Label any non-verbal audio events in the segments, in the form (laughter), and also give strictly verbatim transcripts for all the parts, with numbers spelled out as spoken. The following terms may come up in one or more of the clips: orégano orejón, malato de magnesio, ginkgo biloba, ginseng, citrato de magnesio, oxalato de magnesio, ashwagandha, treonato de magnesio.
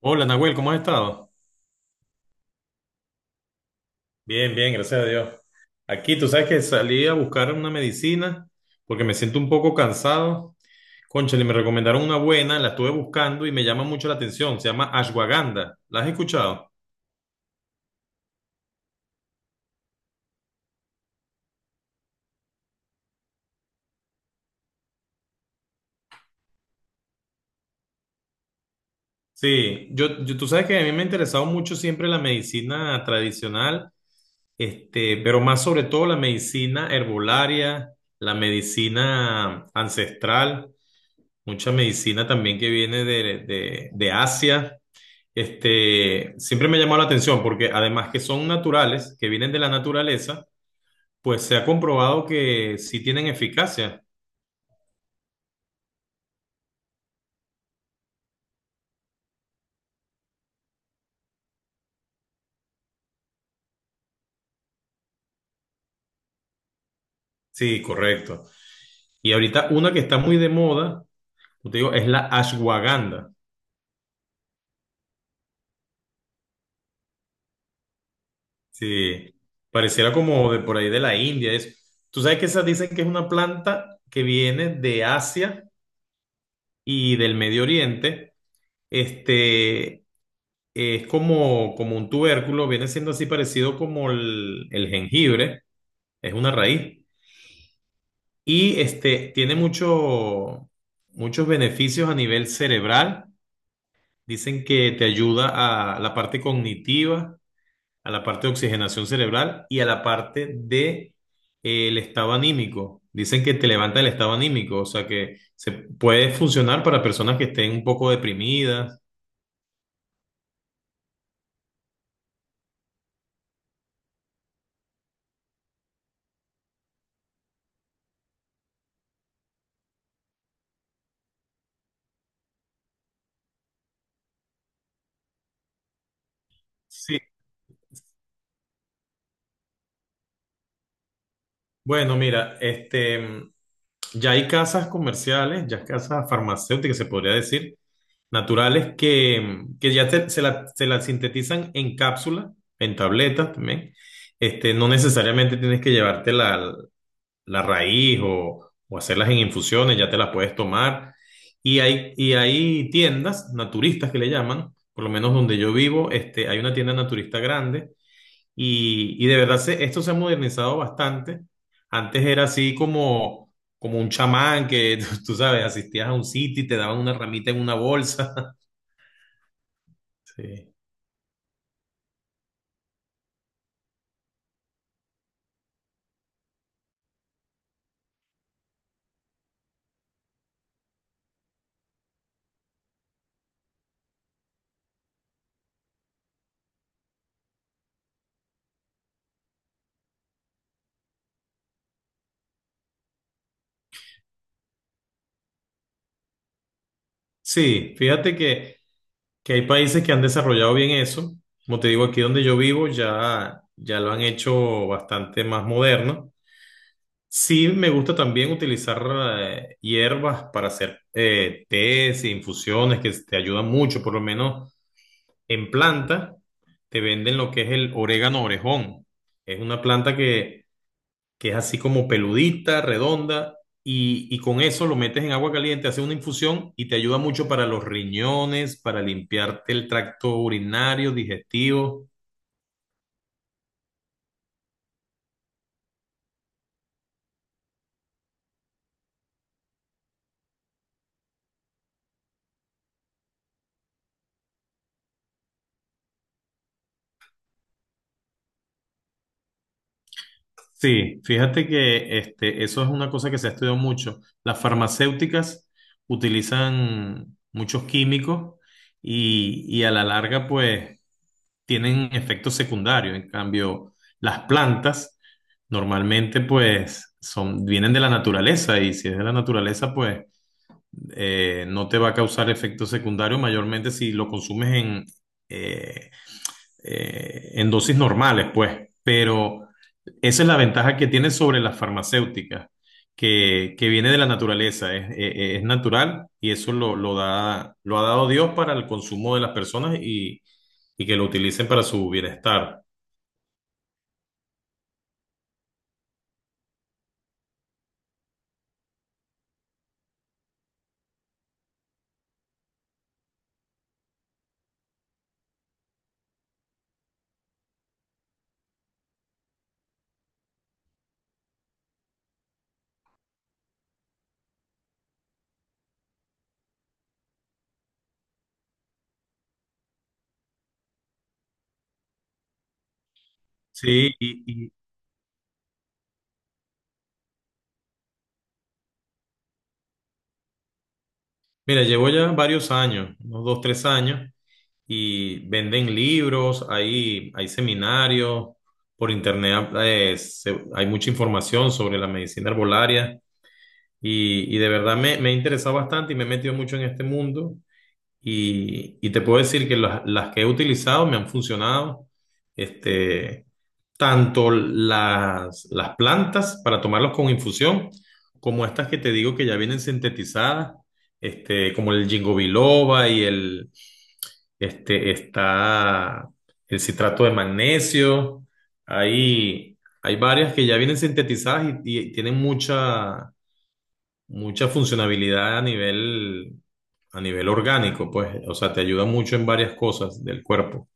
Hola Nahuel, ¿cómo has estado? Bien, bien, gracias a Dios. Aquí, tú sabes que salí a buscar una medicina porque me siento un poco cansado. Cónchale, me recomendaron una buena, la estuve buscando y me llama mucho la atención. Se llama ashwagandha. ¿La has escuchado? Sí, yo, yo- tú sabes que a mí me ha interesado mucho siempre la medicina tradicional, este, pero más sobre todo la medicina herbolaria, la medicina ancestral, mucha medicina también que viene de de- de Asia. Este, siempre me ha llamado la atención porque además que son naturales, que vienen de la naturaleza, pues se ha comprobado que sí tienen eficacia. Sí, correcto. Y ahorita una que está muy de moda, yo te digo, es la ashwagandha. Sí, pareciera como de por ahí de la India. Es, tú sabes que esas dicen que es una planta que viene de Asia y del Medio Oriente. Este, es como, como un tubérculo, viene siendo así parecido como el el jengibre. Es una raíz. Y este, tiene mucho, muchos beneficios a nivel cerebral. Dicen que te ayuda a la parte cognitiva, a la parte de oxigenación cerebral y a la parte de, eh, el estado anímico. Dicen que te levanta el estado anímico, o sea que se puede funcionar para personas que estén un poco deprimidas. Sí. Bueno, mira, este, ya hay casas comerciales, ya casas farmacéuticas, se podría decir, naturales que, que ya se, se la, se la sintetizan en cápsula, en tabletas también. Este, no necesariamente tienes que llevarte la, la raíz o, o hacerlas en infusiones, ya te las puedes tomar. Y hay, y hay tiendas naturistas que le llaman, por lo menos donde yo vivo, este, hay una tienda naturista grande y, y de verdad se- esto se ha modernizado bastante. Antes era así como, como un chamán que, (laughs) tú sabes, asistías a un sitio y te daban una ramita en una bolsa. Sí, sí, fíjate que, que hay países que han desarrollado bien eso. Como te digo, aquí donde yo vivo ya, ya lo han hecho bastante más moderno. Sí, me gusta también utilizar eh, hierbas para hacer eh, tés e infusiones que te ayudan mucho, por lo menos en planta. Te venden lo que es el orégano orejón. Es una planta que, que es así como peludita, redonda, y, y con eso lo metes en agua caliente, haces una infusión y te ayuda mucho para los riñones, para limpiarte el tracto urinario, digestivo. Sí, fíjate que este, eso es una cosa que se ha estudiado mucho. Las farmacéuticas utilizan muchos químicos y, y a la larga, pues tienen efectos secundarios. En cambio, las plantas normalmente pues son, vienen de la naturaleza y si es de la naturaleza pues eh, no te va a causar efectos secundarios mayormente si lo consumes en, eh, eh, en dosis normales, pues. Pero esa es la ventaja que tiene sobre las farmacéuticas, que, que viene de la naturaleza, es, es- es natural y eso lo, lo da, lo ha dado Dios para el consumo de las personas y, y que lo utilicen para su bienestar. Sí, y, y mira, llevo ya varios años, unos dos, tres años, y venden libros, hay, hay seminarios, por internet eh, se- hay mucha información sobre la medicina herbolaria. Y, y de verdad me, me he interesado bastante y me he metido mucho en este mundo. Y, y te puedo decir que las, las que he utilizado me han funcionado. Este, tanto las, las plantas para tomarlos con infusión, como estas que te digo que ya vienen sintetizadas, este, como el ginkgo biloba y el, este, está el citrato de magnesio. Hay, hay varias que ya vienen sintetizadas y, y tienen mucha mucha funcionabilidad a nivel, a nivel orgánico, pues, o sea, te ayuda mucho en varias cosas del cuerpo.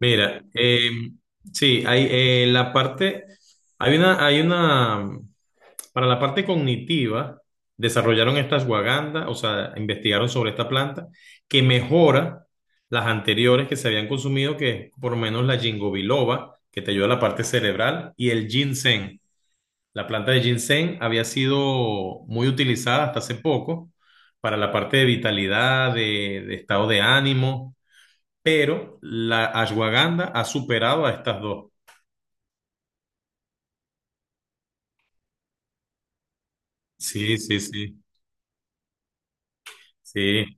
Mira, eh, sí, hay eh, la parte, hay una, hay una, para la parte cognitiva, desarrollaron esta ashwagandha, o sea, investigaron sobre esta planta que mejora las anteriores que se habían consumido, que es por lo menos la ginkgo biloba, que te ayuda a la parte cerebral, y el ginseng. La planta de ginseng había sido muy utilizada hasta hace poco para la parte de vitalidad, de, de estado de ánimo, pero la ashwagandha ha superado a estas dos. Sí, sí, sí, sí,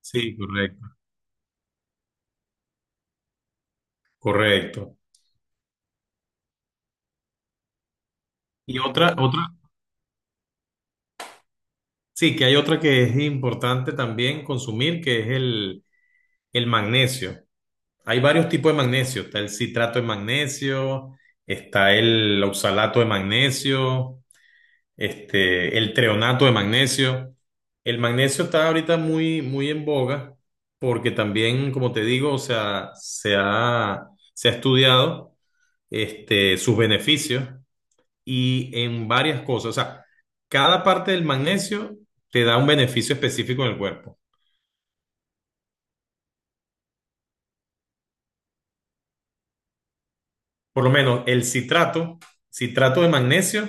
sí, correcto, correcto. Y otra, otra, sí, que hay otra que es importante también consumir, que es el, el magnesio. Hay varios tipos de magnesio, está el citrato de magnesio, está el oxalato de magnesio. Este, el treonato de magnesio. El magnesio está ahorita muy, muy en boga porque también, como te digo, o sea, se ha, se ha estudiado este, sus beneficios y en varias cosas. O sea, cada parte del magnesio te da un beneficio específico en el cuerpo. Por lo menos el citrato, citrato de magnesio,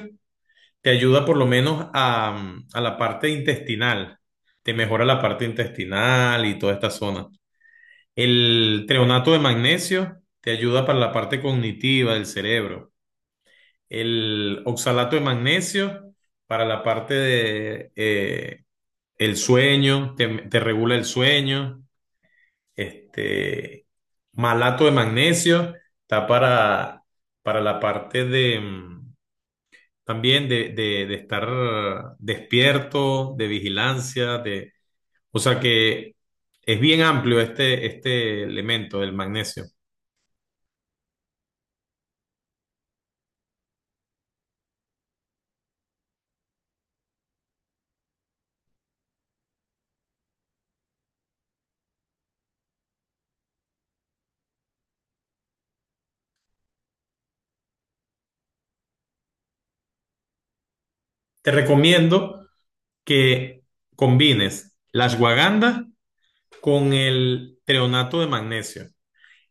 te ayuda por lo menos a, a la parte intestinal. Te mejora la parte intestinal y toda esta zona. El treonato de magnesio te ayuda para la parte cognitiva del cerebro. El oxalato de magnesio para la parte de eh, el sueño, te, te regula el sueño. Este malato de magnesio está para, para la parte de mm, también de, de- de estar despierto, de vigilancia, de, o sea que es bien amplio este, este elemento del magnesio. Te recomiendo que combines la ashwagandha con el treonato de magnesio.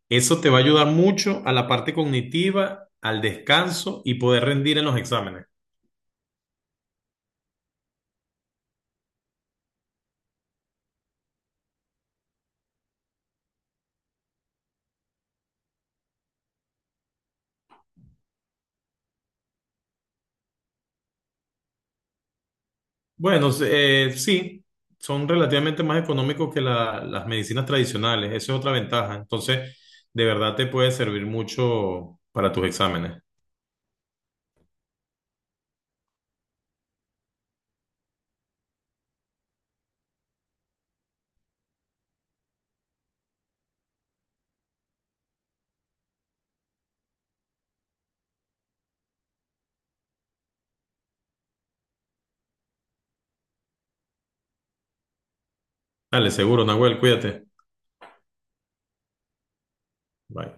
Eso te va a ayudar mucho a la parte cognitiva, al descanso y poder rendir en los exámenes. Bueno, eh, sí, son relativamente más económicos que la- las medicinas tradicionales. Esa es otra ventaja. Entonces, de verdad te puede servir mucho para tus exámenes. Dale, seguro, Nahuel, cuídate. Bye.